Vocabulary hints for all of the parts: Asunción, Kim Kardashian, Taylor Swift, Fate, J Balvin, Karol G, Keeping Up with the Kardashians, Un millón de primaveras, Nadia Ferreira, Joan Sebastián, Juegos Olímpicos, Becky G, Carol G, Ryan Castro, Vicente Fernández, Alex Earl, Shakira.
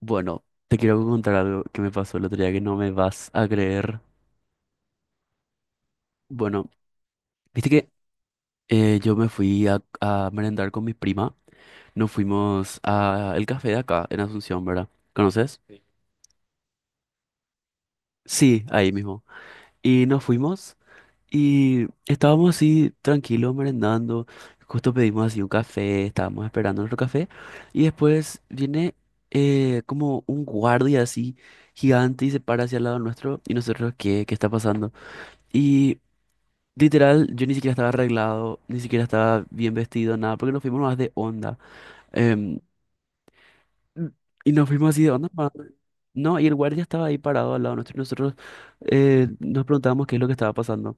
Bueno, te quiero contar algo que me pasó el otro día que no me vas a creer. Bueno, viste que yo me fui a merendar con mi prima. Nos fuimos a el café de acá, en Asunción, ¿verdad? ¿Conoces? Sí. Sí, ahí mismo. Y nos fuimos y estábamos así tranquilos merendando. Justo pedimos así un café, estábamos esperando nuestro café. Y después viene como un guardia así gigante y se para hacia el lado nuestro. Y nosotros, ¿qué? ¿Qué está pasando? Y literal, yo ni siquiera estaba arreglado, ni siquiera estaba bien vestido, nada, porque nos fuimos más de onda. Em, y nos fuimos así de onda. No, y el guardia estaba ahí parado al lado nuestro y nosotros nos preguntábamos qué es lo que estaba pasando.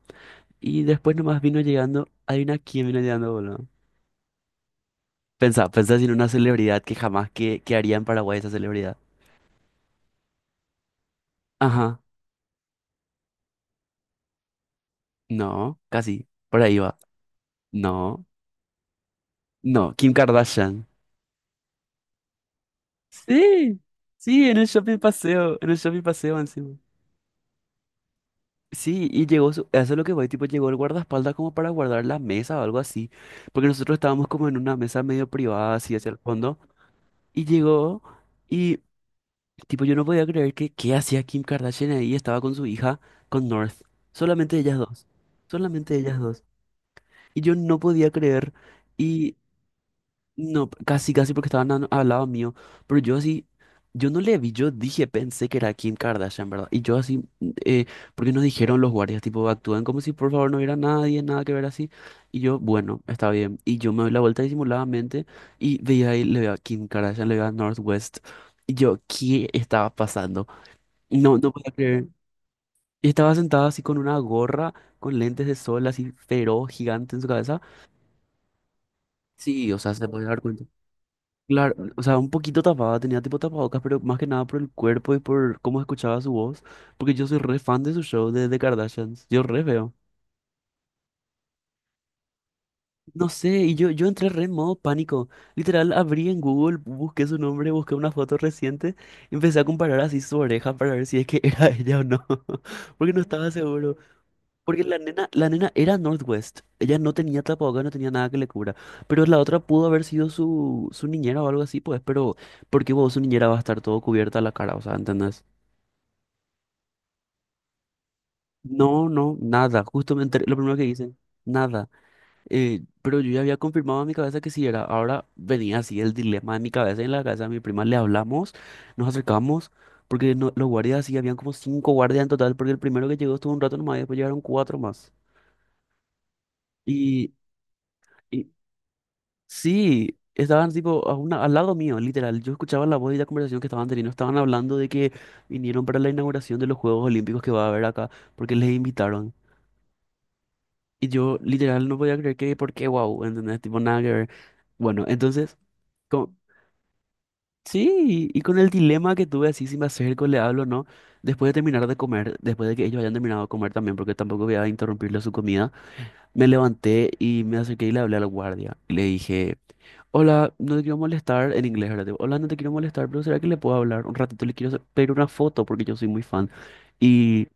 Y después nomás vino llegando, adivina quién vino llegando, boludo. Pensá, pensá en una celebridad que jamás que, que haría en Paraguay esa celebridad. Ajá, no, casi, por ahí va. No, no, Kim Kardashian. Sí, sí, en el shopping paseo, en el shopping paseo encima. Sí, y llegó, eso es lo que voy, tipo, llegó el guardaespaldas como para guardar la mesa o algo así, porque nosotros estábamos como en una mesa medio privada, así hacia el fondo, y llegó, y tipo, yo no podía creer que, ¿qué hacía Kim Kardashian ahí? Estaba con su hija, con North, solamente ellas dos, solamente ellas dos, y yo no podía creer, no, casi, casi porque estaban al lado mío. Pero yo así, yo no le vi, yo dije, pensé que era Kim Kardashian, ¿verdad? Y yo así, porque nos dijeron los guardias, tipo, actúan como si por favor no hubiera nadie, nada que ver así. Y yo, bueno, está bien. Y yo me doy la vuelta disimuladamente y veía ahí, le veía a Kim Kardashian, le veía a Northwest. Y yo, ¿qué estaba pasando? No, no podía creer. Y estaba sentada así con una gorra, con lentes de sol, así feroz, gigante en su cabeza. Sí, o sea, se podía dar cuenta. Claro, o sea, un poquito tapada, tenía tipo tapabocas, pero más que nada por el cuerpo y por cómo escuchaba su voz, porque yo soy re fan de su show de The Kardashians, yo re veo. No sé, y yo entré re en modo pánico. Literal, abrí en Google, busqué su nombre, busqué una foto reciente, y empecé a comparar así su oreja para ver si es que era ella o no, porque no estaba seguro. Porque la nena era Northwest. Ella no tenía tapabocas, no tenía nada que le cubra. Pero la otra pudo haber sido su, su niñera o algo así, pues. Pero, ¿por qué vos, su niñera va a estar todo cubierta la cara? O sea, ¿entendés? No, no, nada. Lo primero que dicen, nada. Pero yo ya había confirmado en mi cabeza que sí era. Ahora venía así el dilema en mi cabeza. En la casa de mi prima le hablamos, nos acercamos. Porque no- Los guardias sí, habían como cinco guardias en total. Porque el primero que llegó estuvo un rato nomás y después llegaron cuatro más. Y. Y sí, estaban tipo al lado mío, literal. Yo escuchaba la voz y la conversación que estaban teniendo. Estaban hablando de que vinieron para la inauguración de los Juegos Olímpicos que va a haber acá, porque les invitaron. Y yo literal no podía creer que, ¿por qué? Wow, ¿entendés? Tipo, nada que ver. Bueno, con- sí, y con el dilema que tuve así, si me acerco, le hablo o no, después de terminar de comer, después de que ellos hayan terminado de comer también, porque tampoco voy a interrumpirle su comida, me levanté y me acerqué y le hablé al guardia. Y le dije... Hola, no te quiero molestar en inglés, ¿verdad? Tipo, hola, no te quiero molestar, pero ¿será que le puedo hablar un ratito? Le quiero pedir una foto porque yo soy muy fan. Y,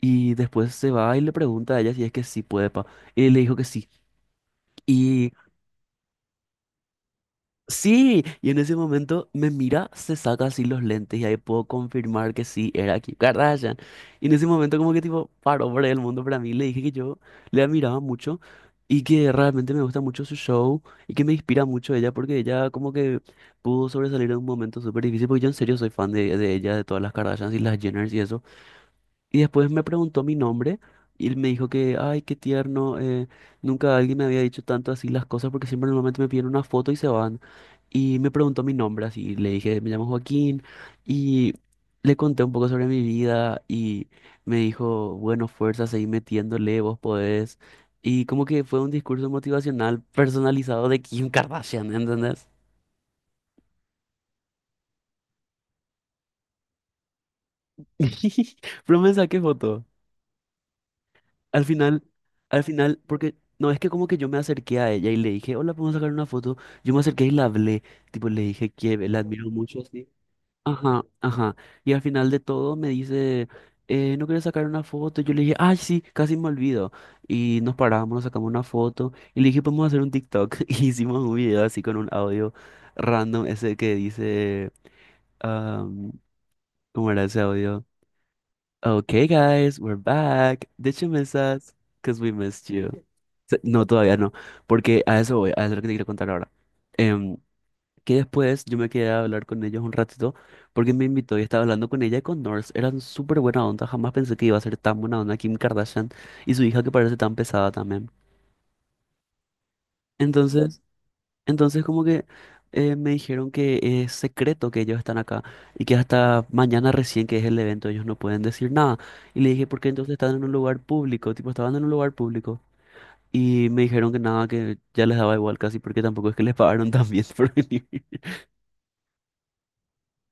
y después se va y le pregunta a ella si es que sí puede, pa. Y le dijo que sí. Sí, y en ese momento me mira, se saca así los lentes y ahí puedo confirmar que sí era Kim Kardashian. Y en ese momento como que tipo paró por el mundo para mí, le dije que yo le admiraba mucho y que realmente me gusta mucho su show y que me inspira mucho ella porque ella como que pudo sobresalir en un momento súper difícil porque yo en serio soy fan de ella, de todas las Kardashians y las Jenners y eso. Y después me preguntó mi nombre y él me dijo que, ay, qué tierno, nunca alguien me había dicho tanto así las cosas porque siempre normalmente me piden una foto y se van. Y me preguntó mi nombre así, le dije, me llamo Joaquín y le conté un poco sobre mi vida y me dijo, bueno, fuerza, seguí metiéndole, vos podés. Y como que fue un discurso motivacional personalizado de Kim Kardashian, ¿entendés? Pero me saqué foto. Al final, al final, porque no es que como que yo me acerqué a ella y le dije, hola, ¿podemos sacar una foto? Yo me acerqué y la hablé, tipo, le dije que la admiro mucho así. Ajá, ajá. Y al final de todo me dice, ¿no quieres sacar una foto? Yo le dije, ay, sí, casi me olvido. Y nos paramos, nos sacamos una foto y le dije, ¿podemos hacer un TikTok? Y hicimos un video así con un audio random, ese que dice, um, ¿cómo era ese audio? Okay, guys, we're back. Did you miss us? Because we missed you. No, todavía no, porque a eso voy, a eso es lo que te quiero contar ahora. Em, que después yo me quedé a hablar con ellos un ratito, porque me invitó y estaba hablando con ella y con North. Eran súper buena onda, jamás pensé que iba a ser tan buena onda Kim Kardashian y su hija que parece tan pesada también. Entonces, entonces como que me dijeron que es secreto que ellos están acá y que hasta mañana recién que es el evento ellos no pueden decir nada. Y le dije, ¿por qué entonces están en un lugar público? Tipo, estaban en un lugar público. Y me dijeron que nada, que ya les daba igual casi porque tampoco es que les pagaron tan bien por venir.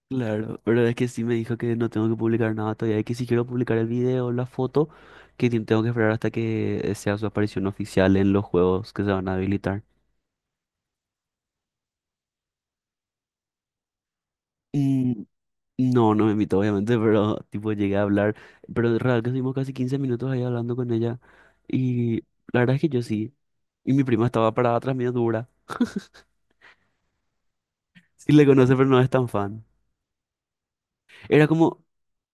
Claro, pero es que sí me dijo que no tengo que publicar nada todavía y que si quiero publicar el video o la foto, que tengo que esperar hasta que sea su aparición oficial en los juegos que se van a habilitar. Mm, no, no me invitó obviamente, pero tipo llegué a hablar, pero en real que estuvimos casi 15 minutos ahí hablando con ella y la verdad es que yo sí. Y mi prima estaba parada atrás mío dura. Sí le conoce, pero no es tan fan. Era como,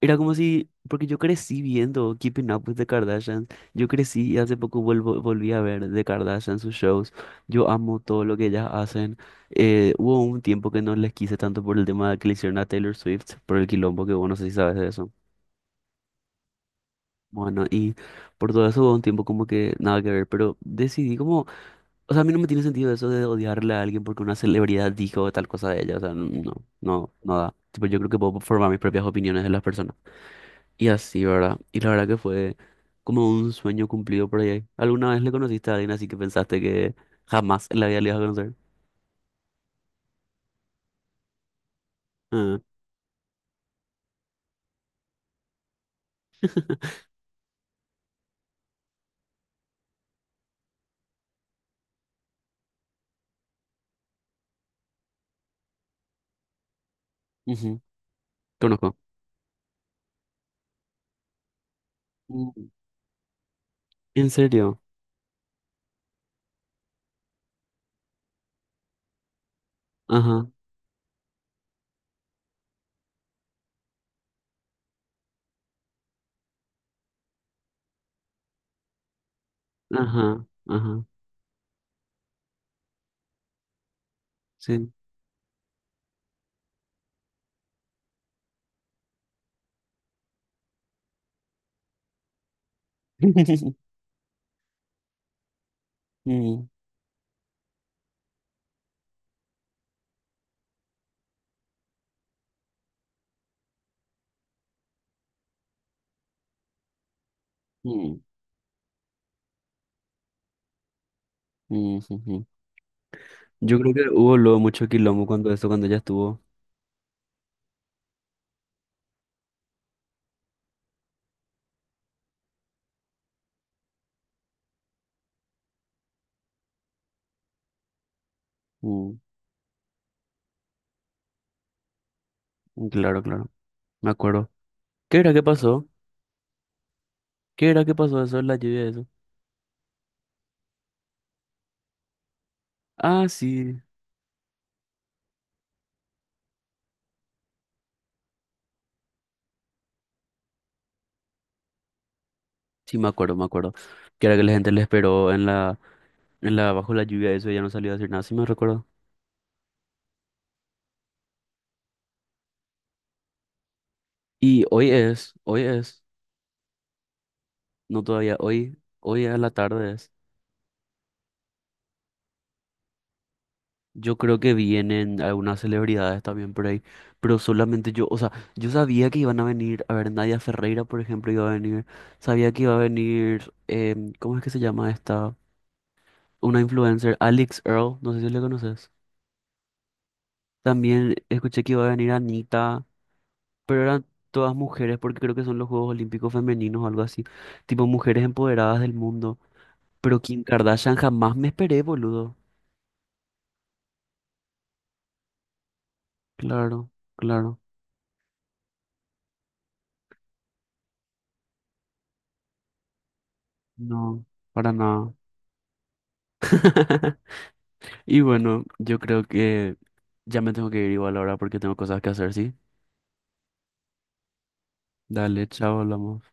era como si, porque yo crecí viendo Keeping Up with the Kardashians, yo crecí y hace poco vuelvo, volví a ver The Kardashians, sus shows, yo amo todo lo que ellas hacen. Hubo un tiempo que no les quise tanto por el tema que le hicieron a Taylor Swift, por el quilombo que vos no sé si sabes de eso. Bueno, y por todo eso hubo un tiempo como que nada que ver, pero decidí como, o sea, a mí no me tiene sentido eso de odiarle a alguien porque una celebridad dijo tal cosa de ella, o sea, no, no, no da. Tipo, yo creo que puedo formar mis propias opiniones de las personas. Y así, ¿verdad? Y la verdad que fue como un sueño cumplido por ahí. ¿Alguna vez le conociste a alguien así que pensaste que jamás en la vida le ibas a conocer? Ah, ujú, conozco. Mm, ¿en serio? Ajá, ajá, ajá. Sí. Mm, mm, mm, ujú. Yo creo que hubo luego mucho quilombo cuando eso, cuando ella estuvo. Mm, claro, claro. Me acuerdo. ¿Qué era que pasó? ¿Qué era que pasó eso en la lluvia de eso? Ah, sí. Sí, me acuerdo, me acuerdo. Que era que la gente le esperó en la en la, bajo la lluvia, eso ya no salió a hacer nada, sí me recuerdo. Y hoy es, hoy es, no todavía, hoy a la tarde es. Yo creo que vienen algunas celebridades también por ahí, pero solamente yo, o sea, yo sabía que iban a venir, a ver, Nadia Ferreira, por ejemplo, iba a venir, sabía que iba a venir, ¿cómo es que se llama esta? Una influencer, Alex Earl, no sé si le conoces. También escuché que iba a venir Anita, pero eran todas mujeres porque creo que son los Juegos Olímpicos Femeninos o algo así, tipo mujeres empoderadas del mundo. Pero Kim Kardashian jamás me esperé, boludo. Claro, claro. No, para nada. Y bueno, yo creo que ya me tengo que ir igual ahora porque tengo cosas que hacer, ¿sí? Dale, chao, hablamos.